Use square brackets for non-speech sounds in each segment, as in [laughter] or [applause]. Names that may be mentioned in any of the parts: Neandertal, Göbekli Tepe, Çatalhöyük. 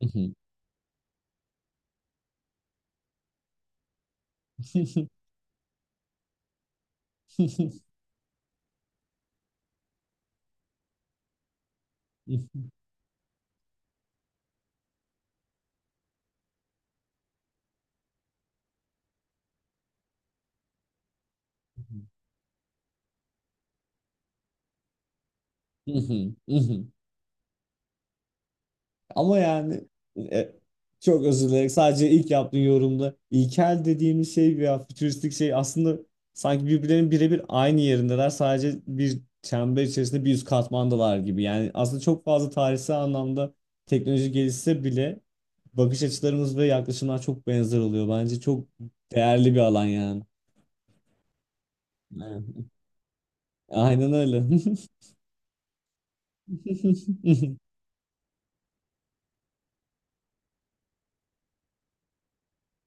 Mhm. [laughs] Mhm. Mhm. Ama yani e, çok özür dilerim. Sadece ilk yaptığın yorumda ilkel dediğimiz şey veya fütüristik şey aslında sanki birbirlerinin birebir aynı yerindeler. Sadece bir çember içerisinde bir üst katmandalar gibi. Yani aslında çok fazla tarihsel anlamda teknoloji gelişse bile bakış açılarımız ve yaklaşımlar çok benzer oluyor. Bence çok değerli bir alan yani. Evet. Aynen öyle.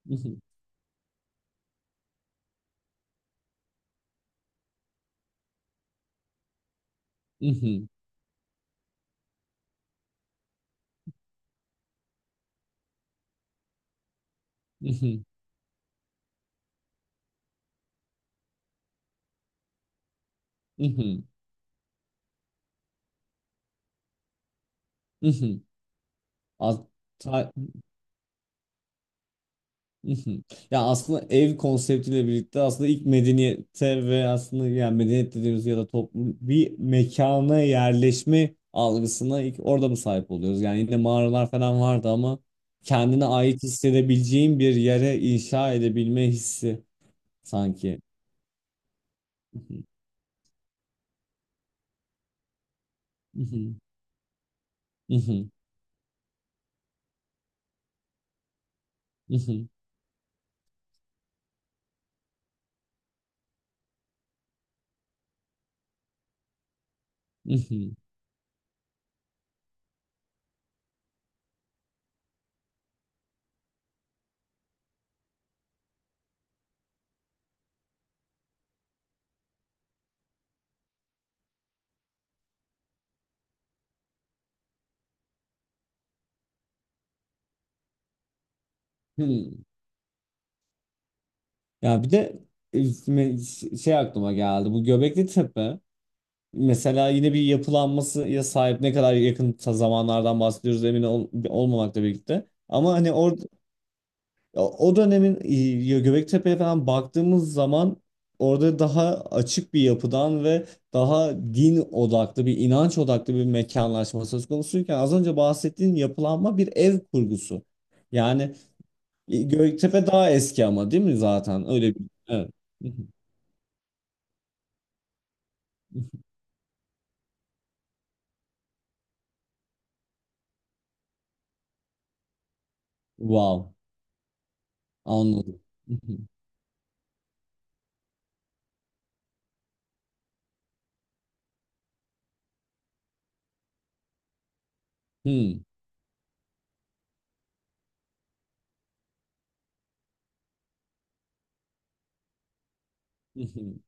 [laughs] Mhm, mhm, mhm, mhm. As- ta- mhm. Ya aslında ev konseptiyle birlikte aslında ilk medeniyete ve aslında yani medeniyet dediğimiz ya da toplum bir mekana yerleşme algısına ilk orada mı sahip oluyoruz? Yani yine mağaralar falan vardı ama kendine ait hissedebileceğin bir yere inşa edebilme hissi sanki. Mhm, mhm, mhm, mhm, mhm. Hmm. Ya bir de şey aklıma geldi. Bu Göbekli Tepe. Mesela yine bir yapılanmasıya sahip ne kadar yakın zamanlardan bahsediyoruz olmamakla birlikte. Ama hani o dönemin Göbektepe'ye falan baktığımız zaman orada daha açık bir yapıdan ve daha din odaklı bir inanç odaklı bir mekanlaşma söz konusuyken az önce bahsettiğin yapılanma bir ev kurgusu. Yani Göbektepe daha eski ama değil mi zaten? Öyle bir evet. [laughs] Wow, anladım. [laughs] Hmm. [laughs]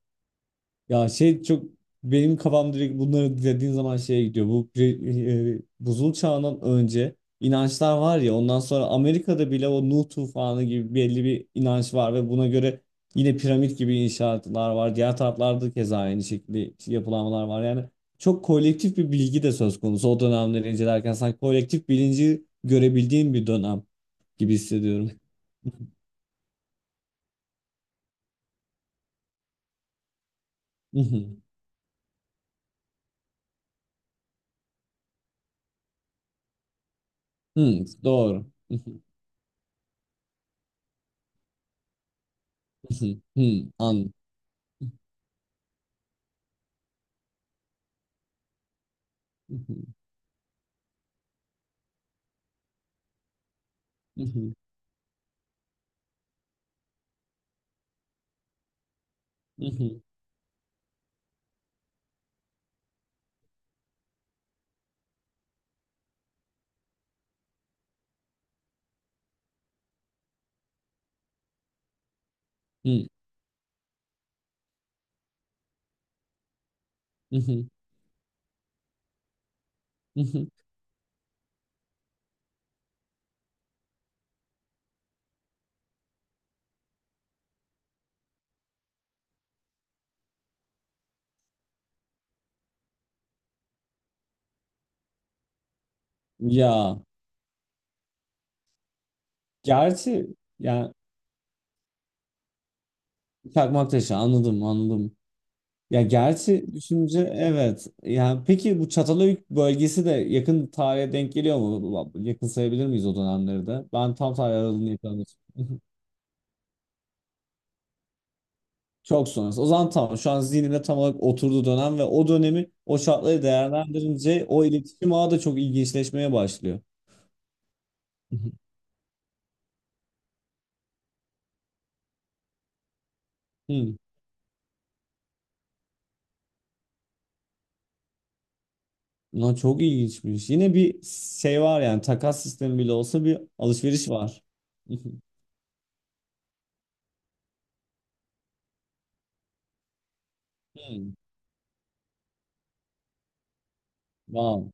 Ya şey çok benim kafam direkt bunları dediğin zaman şeye gidiyor. Bu buzul çağından önce inançlar var ya ondan sonra Amerika'da bile o Nuh tufanı gibi belli bir inanç var ve buna göre yine piramit gibi inşaatlar var. Diğer taraflarda keza aynı şekilde yapılanmalar var. Yani çok kolektif bir bilgi de söz konusu. O dönemleri incelerken sanki kolektif bilinci görebildiğim bir dönem gibi hissediyorum. [laughs] Hmm, doğru. [laughs] Hmm, an. [laughs] Mhm, mhm, mhm, mhm. Ya gerçi yani çakmak taşı anladım anladım. Ya gerçi düşünce evet. Yani peki bu Çatalhöyük bölgesi de yakın tarihe denk geliyor mu? Yakın sayabilir miyiz o dönemleri de? Ben tam tarih aralığını yakalamıyorum. [laughs] Çok sonrası. O zaman tamam. Şu an zihnimde tam olarak oturduğu dönem ve o dönemi o şartları değerlendirince o iletişim ağı da çok ilginçleşmeye başlıyor. [laughs] Lan çok ilginç bir ilginçmiş. Yine bir şey var yani takas sistemi bile olsa bir alışveriş var. [laughs] Hmm. Wow.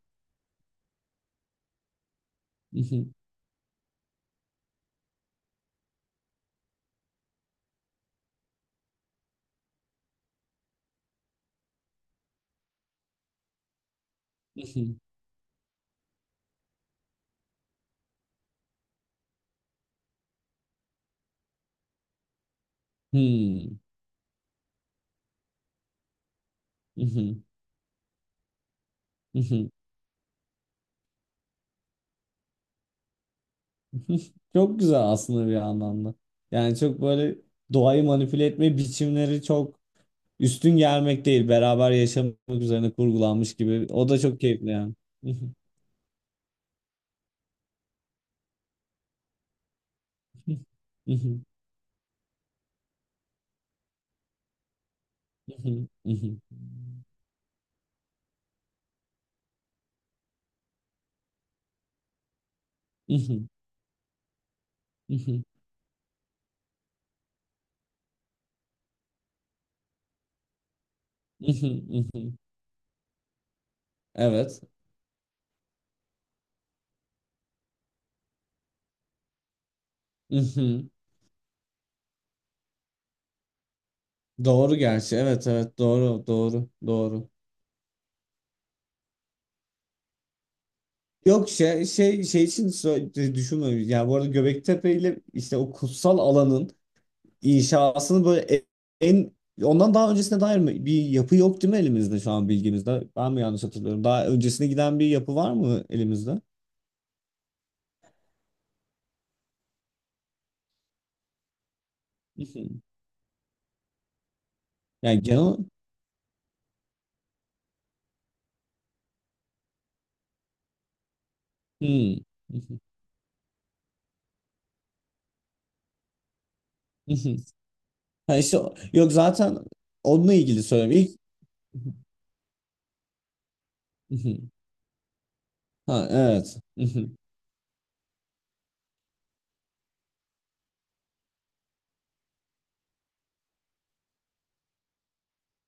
[laughs] Hmm. [laughs] Çok güzel aslında bir anlamda. Yani çok böyle doğayı manipüle etme biçimleri çok üstün gelmek değil. Beraber yaşamak üzerine kurgulanmış gibi. O da çok keyifli yani. [laughs] Evet. [laughs] Doğru gerçi. Evet, doğru, doğru. Yok, şey için düşünmemiş. Yani bu arada Göbektepe ile işte o kutsal alanın inşasını böyle e- en ondan daha öncesine dair mi bir yapı yok değil mi elimizde şu an bilgimizde? Ben mi yanlış hatırlıyorum? Daha öncesine giden bir yapı var mı elimizde? [laughs] Hı hı. Yani genel olarak- hmm. Hı [laughs] hı. Hı hı. Ha işte yok zaten onunla ilgili söylüyorum. İlk [laughs] hı hı. Ha, evet. [laughs]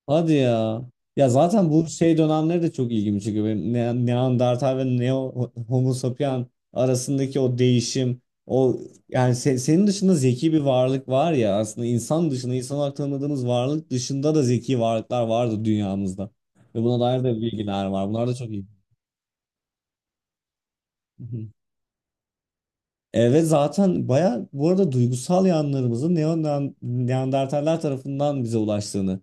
Hadi ya. Ya zaten bu şey dönemleri de çok ilgimi çekiyor. Benim Neandertal ve Neo Homo sapien arasındaki o değişim, o yani senin dışında zeki bir varlık var ya aslında insan dışında, insan olarak tanıdığımız varlık dışında da zeki varlıklar vardı dünyamızda. Ve buna dair de bilgiler var. Bunlar da çok iyi. Hı hı. Evet zaten baya bu arada duygusal yanlarımızın Neandertaller tarafından bize ulaştığını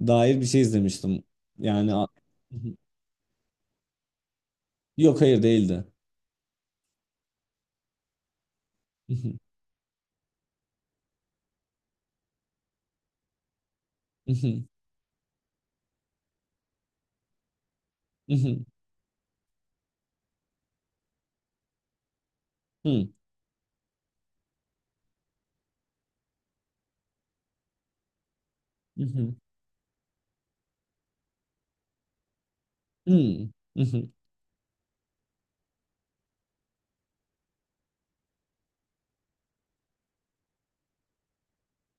dair bir şey izlemiştim. Yani a- hı hı. Yok, hayır, değildi. Mhm, mhm, mhm, hı, mhm, hı, mhm.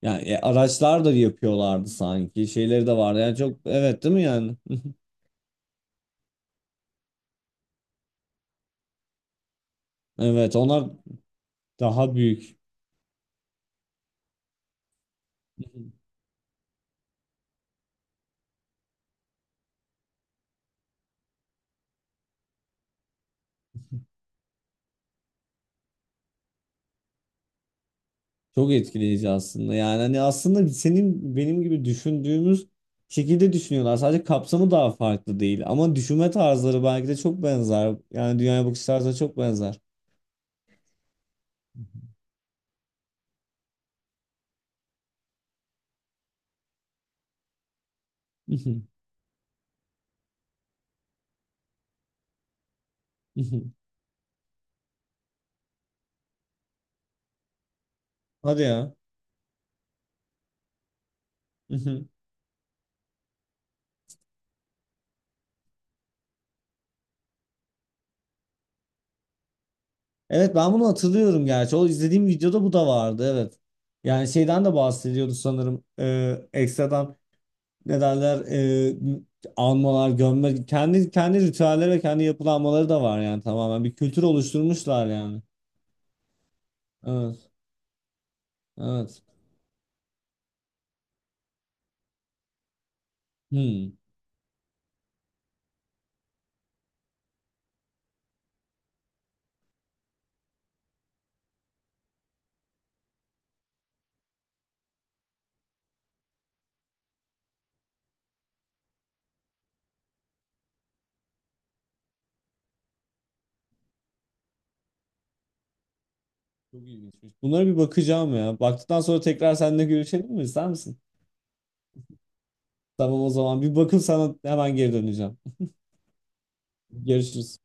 Yani araçlar da yapıyorlardı sanki. Şeyleri de vardı. Yani çok evet değil mi yani? Mhm. Evet, onlar daha büyük. Mhm. Çok etkileyici aslında. Yani hani aslında senin benim gibi düşündüğümüz şekilde düşünüyorlar. Sadece kapsamı daha farklı değil. Ama düşünme tarzları belki de çok benzer. Yani dünyaya bakış tarzları çok benzer. Mhm, mhm. Hadi ya. Evet ben bunu hatırlıyorum gerçi. O izlediğim videoda bu da vardı, evet. Yani şeyden de bahsediyordu sanırım. Ekstradan ne derler, almalar, gömme kendi ritüelleri ve kendi yapılanmaları da var yani tamamen. Bir kültür oluşturmuşlar yani. Evet. Evet. Hmm. Çok ilginçmiş. Bunlara bir bakacağım ya. Baktıktan sonra tekrar seninle görüşelim mi? İster misin? Tamam, o zaman bir bakıp sana hemen geri döneceğim. Görüşürüz.